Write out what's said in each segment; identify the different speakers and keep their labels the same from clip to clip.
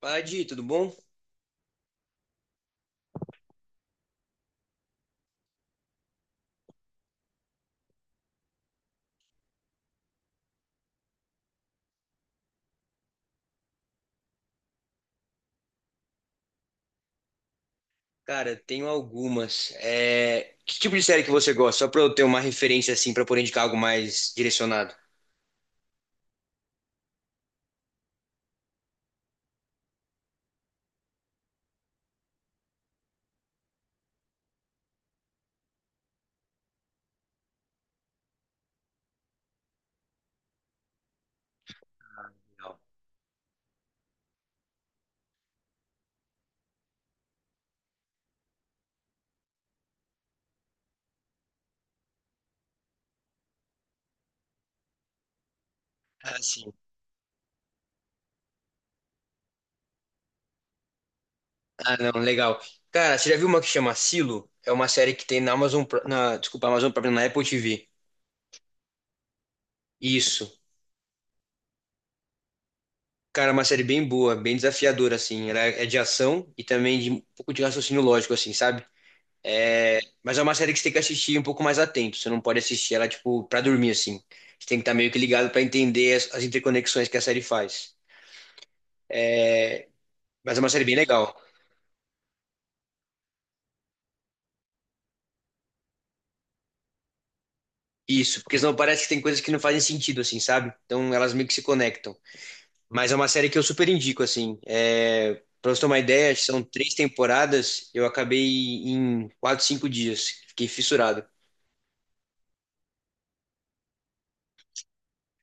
Speaker 1: Fala, Di, tudo bom? Cara, tenho algumas. É, que tipo de série que você gosta? Só pra eu ter uma referência assim, pra poder indicar algo mais direcionado. Legal. Ah, sim. Ah, não, legal. Cara, você já viu uma que chama Silo? É uma série que tem na Amazon, na, desculpa, Amazon Prime, na Apple TV. Isso. Cara, é uma série bem boa, bem desafiadora, assim. Ela é de ação e também de um pouco de raciocínio lógico, assim, sabe? É, mas é uma série que você tem que assistir um pouco mais atento. Você não pode assistir ela, tipo, pra dormir, assim. Você tem que estar meio que ligado pra entender as interconexões que a série faz. Mas é uma série bem legal. Isso, porque senão parece que tem coisas que não fazem sentido, assim, sabe? Então elas meio que se conectam. Mas é uma série que eu super indico, assim. É, pra você ter uma ideia, são três temporadas. Eu acabei em quatro, cinco dias. Fiquei fissurado.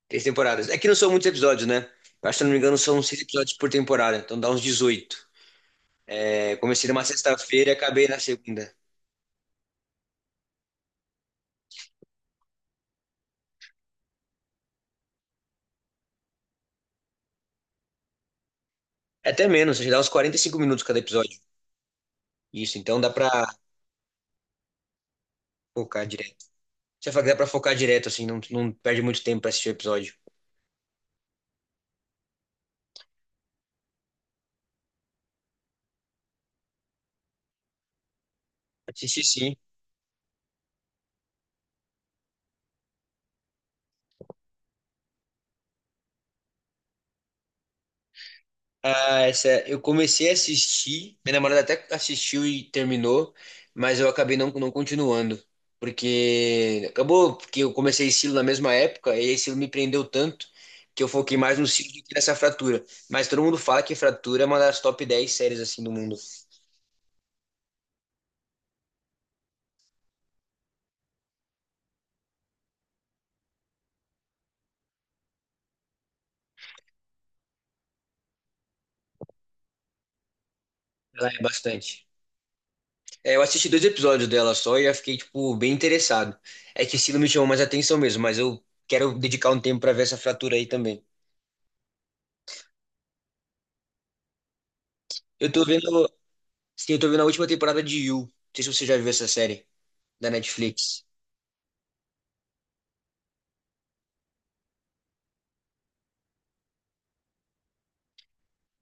Speaker 1: Três temporadas. É que não são muitos episódios, né? Eu acho que, se eu não me engano, são seis episódios por temporada. Então dá uns 18. É, comecei numa sexta-feira e acabei na segunda. É até menos, já dá uns 45 minutos cada episódio. Isso, então dá pra focar direto. Você fala que dá pra focar direto, assim, não perde muito tempo pra assistir o episódio. Assisti sim. Ah, essa, eu comecei a assistir, minha namorada até assistiu e terminou, mas eu acabei não continuando. Porque acabou porque eu comecei estilo na mesma época, e esse me prendeu tanto que eu foquei mais no estilo do que nessa fratura. Mas todo mundo fala que fratura é uma das top 10 séries assim do mundo. Ela é bastante. É, eu assisti dois episódios dela só e já fiquei, tipo, bem interessado. É que esse não me chamou mais atenção mesmo, mas eu quero dedicar um tempo pra ver essa fratura aí também. Eu tô vendo, sim, eu tô vendo a última temporada de You. Não sei se você já viu essa série da Netflix.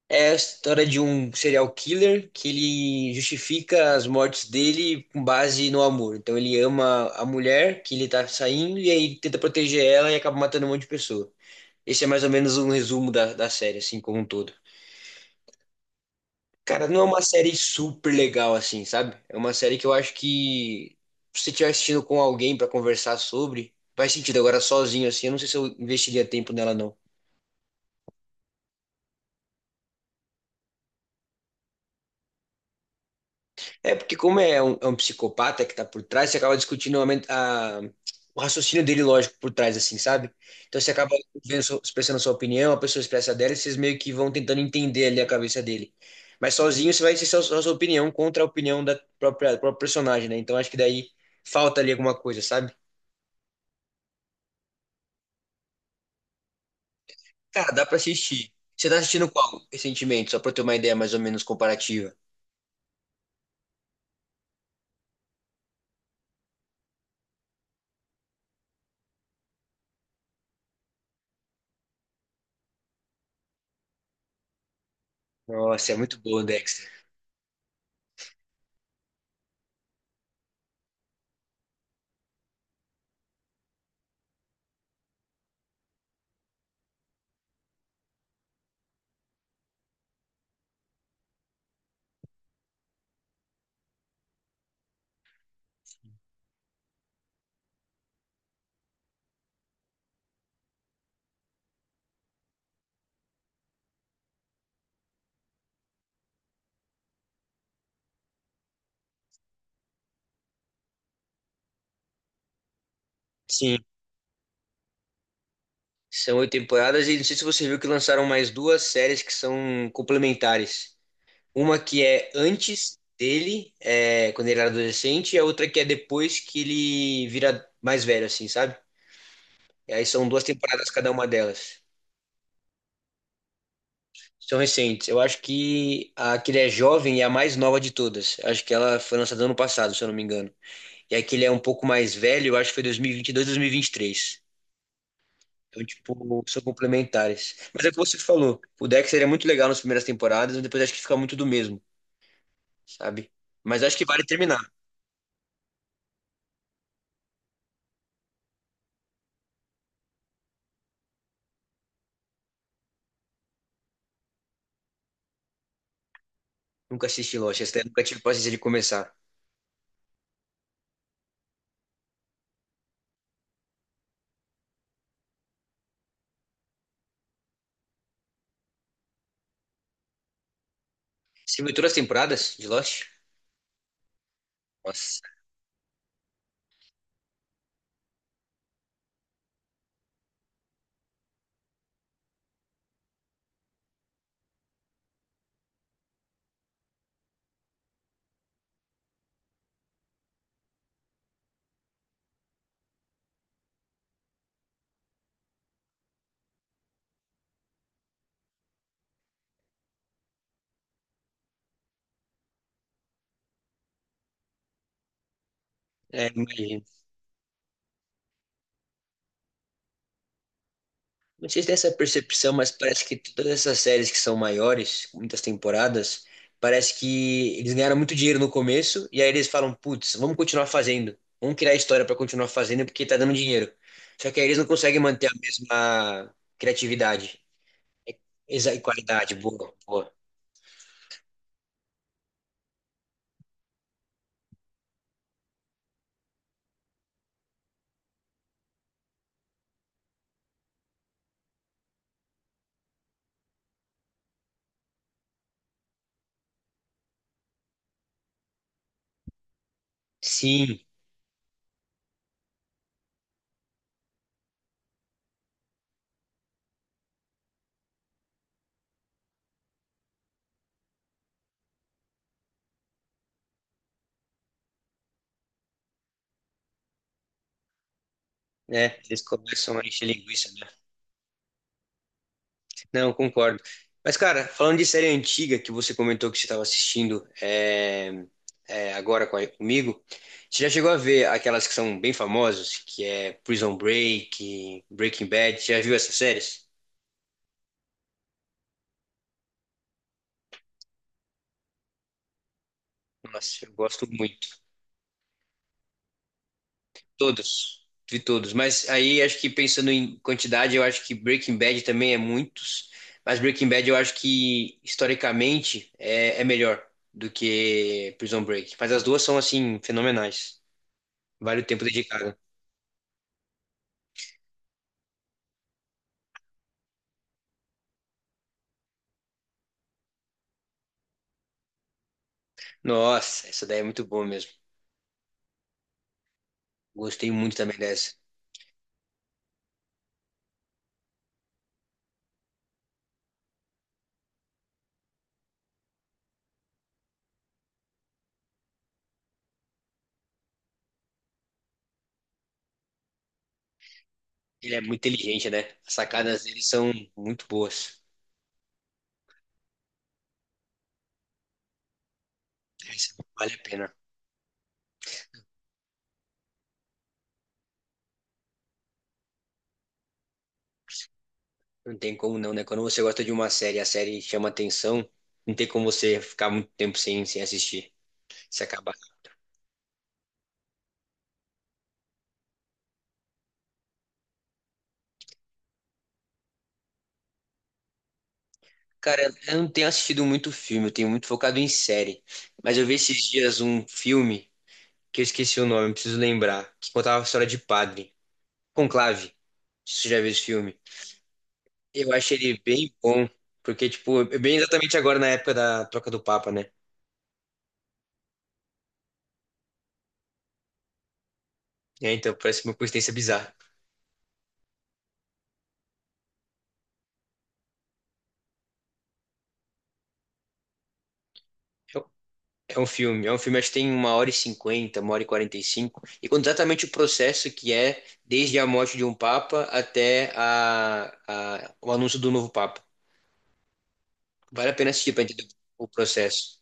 Speaker 1: É a história de um serial killer que ele justifica as mortes dele com base no amor. Então ele ama a mulher que ele tá saindo e aí tenta proteger ela e acaba matando um monte de pessoa. Esse é mais ou menos um resumo da série, assim, como um todo. Cara, não é uma série super legal assim, sabe? É uma série que eu acho que se você estiver assistindo com alguém pra conversar sobre, faz sentido. Agora sozinho assim, eu não sei se eu investiria tempo nela não. É porque como é um psicopata que tá por trás, você acaba discutindo o raciocínio dele lógico por trás assim, sabe? Então você acaba vendo, expressando a sua opinião, a pessoa expressa a dela e vocês meio que vão tentando entender ali a cabeça dele. Mas sozinho você vai ser só a sua opinião contra a opinião da própria, do próprio personagem, né? Então acho que daí falta ali alguma coisa, sabe? Cara, dá pra assistir. Você tá assistindo qual recentemente? Só pra eu ter uma ideia mais ou menos comparativa. Nossa, é muito boa, Dexter. Sim, são oito temporadas e não sei se você viu que lançaram mais duas séries que são complementares. Uma que é antes dele, é, quando ele era adolescente, e a outra que é depois que ele vira mais velho, assim, sabe? E aí são duas temporadas cada uma delas. São recentes. Eu acho que a que ele é jovem é a mais nova de todas. Acho que ela foi lançada ano passado, se eu não me engano. E aquele é um pouco mais velho, eu acho que foi 2022, 2023. Então, tipo, são complementares. Mas é o que você falou. O Dexter é muito legal nas primeiras temporadas, mas depois acho que fica muito do mesmo, sabe? Mas acho que vale terminar. Nunca assisti Lost, essa daí eu nunca tive paciência de começar. Você viu todas as temporadas de Lost? Nossa, é, imagina. Não sei se tem essa percepção, mas parece que todas essas séries que são maiores, com muitas temporadas, parece que eles ganharam muito dinheiro no começo e aí eles falam, putz, vamos continuar fazendo. Vamos criar história para continuar fazendo porque tá dando dinheiro. Só que aí eles não conseguem manter a mesma criatividade e qualidade. Boa, boa. Sim, né? Eles começam a encher linguiça. Não, concordo. Mas, cara, falando de série antiga que você comentou que você estava assistindo é, é, agora com comigo, você já chegou a ver aquelas que são bem famosas, que é Prison Break, Breaking Bad, você já viu essas séries? Nossa, eu gosto muito. Todos vi todos. Mas aí acho que pensando em quantidade, eu acho que Breaking Bad também é muitos. Mas Breaking Bad eu acho que historicamente é melhor do que Prison Break. Mas as duas são assim, fenomenais. Vale o tempo dedicado. Nossa, essa daí é muito boa mesmo. Gostei muito também dessa. Ele é muito inteligente, né? As sacadas dele são muito boas. Essa vale a pena. Não tem como não, né? Quando você gosta de uma série, e a série chama atenção, não tem como você ficar muito tempo sem assistir, se acabar. Cara, eu não tenho assistido muito filme, eu tenho muito focado em série. Mas eu vi esses dias um filme que eu esqueci o nome, preciso lembrar, que contava a história de padre. Conclave. Você já viu esse filme? Eu acho ele bem bom, porque, tipo, é bem exatamente agora na época da troca do Papa, né? É, então, parece uma coincidência bizarra. É um é um filme, acho que tem uma hora e cinquenta, uma hora e quarenta e cinco, e conta exatamente o processo que é desde a morte de um Papa até o anúncio do novo Papa. Vale a pena assistir pra entender o processo.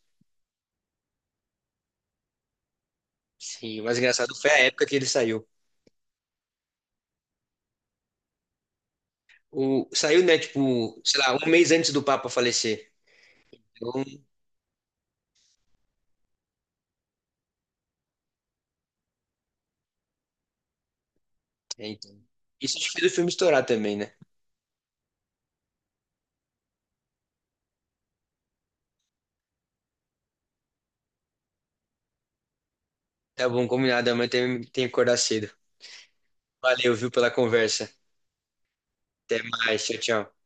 Speaker 1: Sim, o mais engraçado foi a época que ele saiu. O, saiu, né, tipo, sei lá, um mês antes do Papa falecer. Então, é, então. Isso acho que fez o filme estourar também, né? Tá bom, combinado. Amanhã tem que acordar cedo. Valeu, viu, pela conversa. Até mais. Tchau, tchau.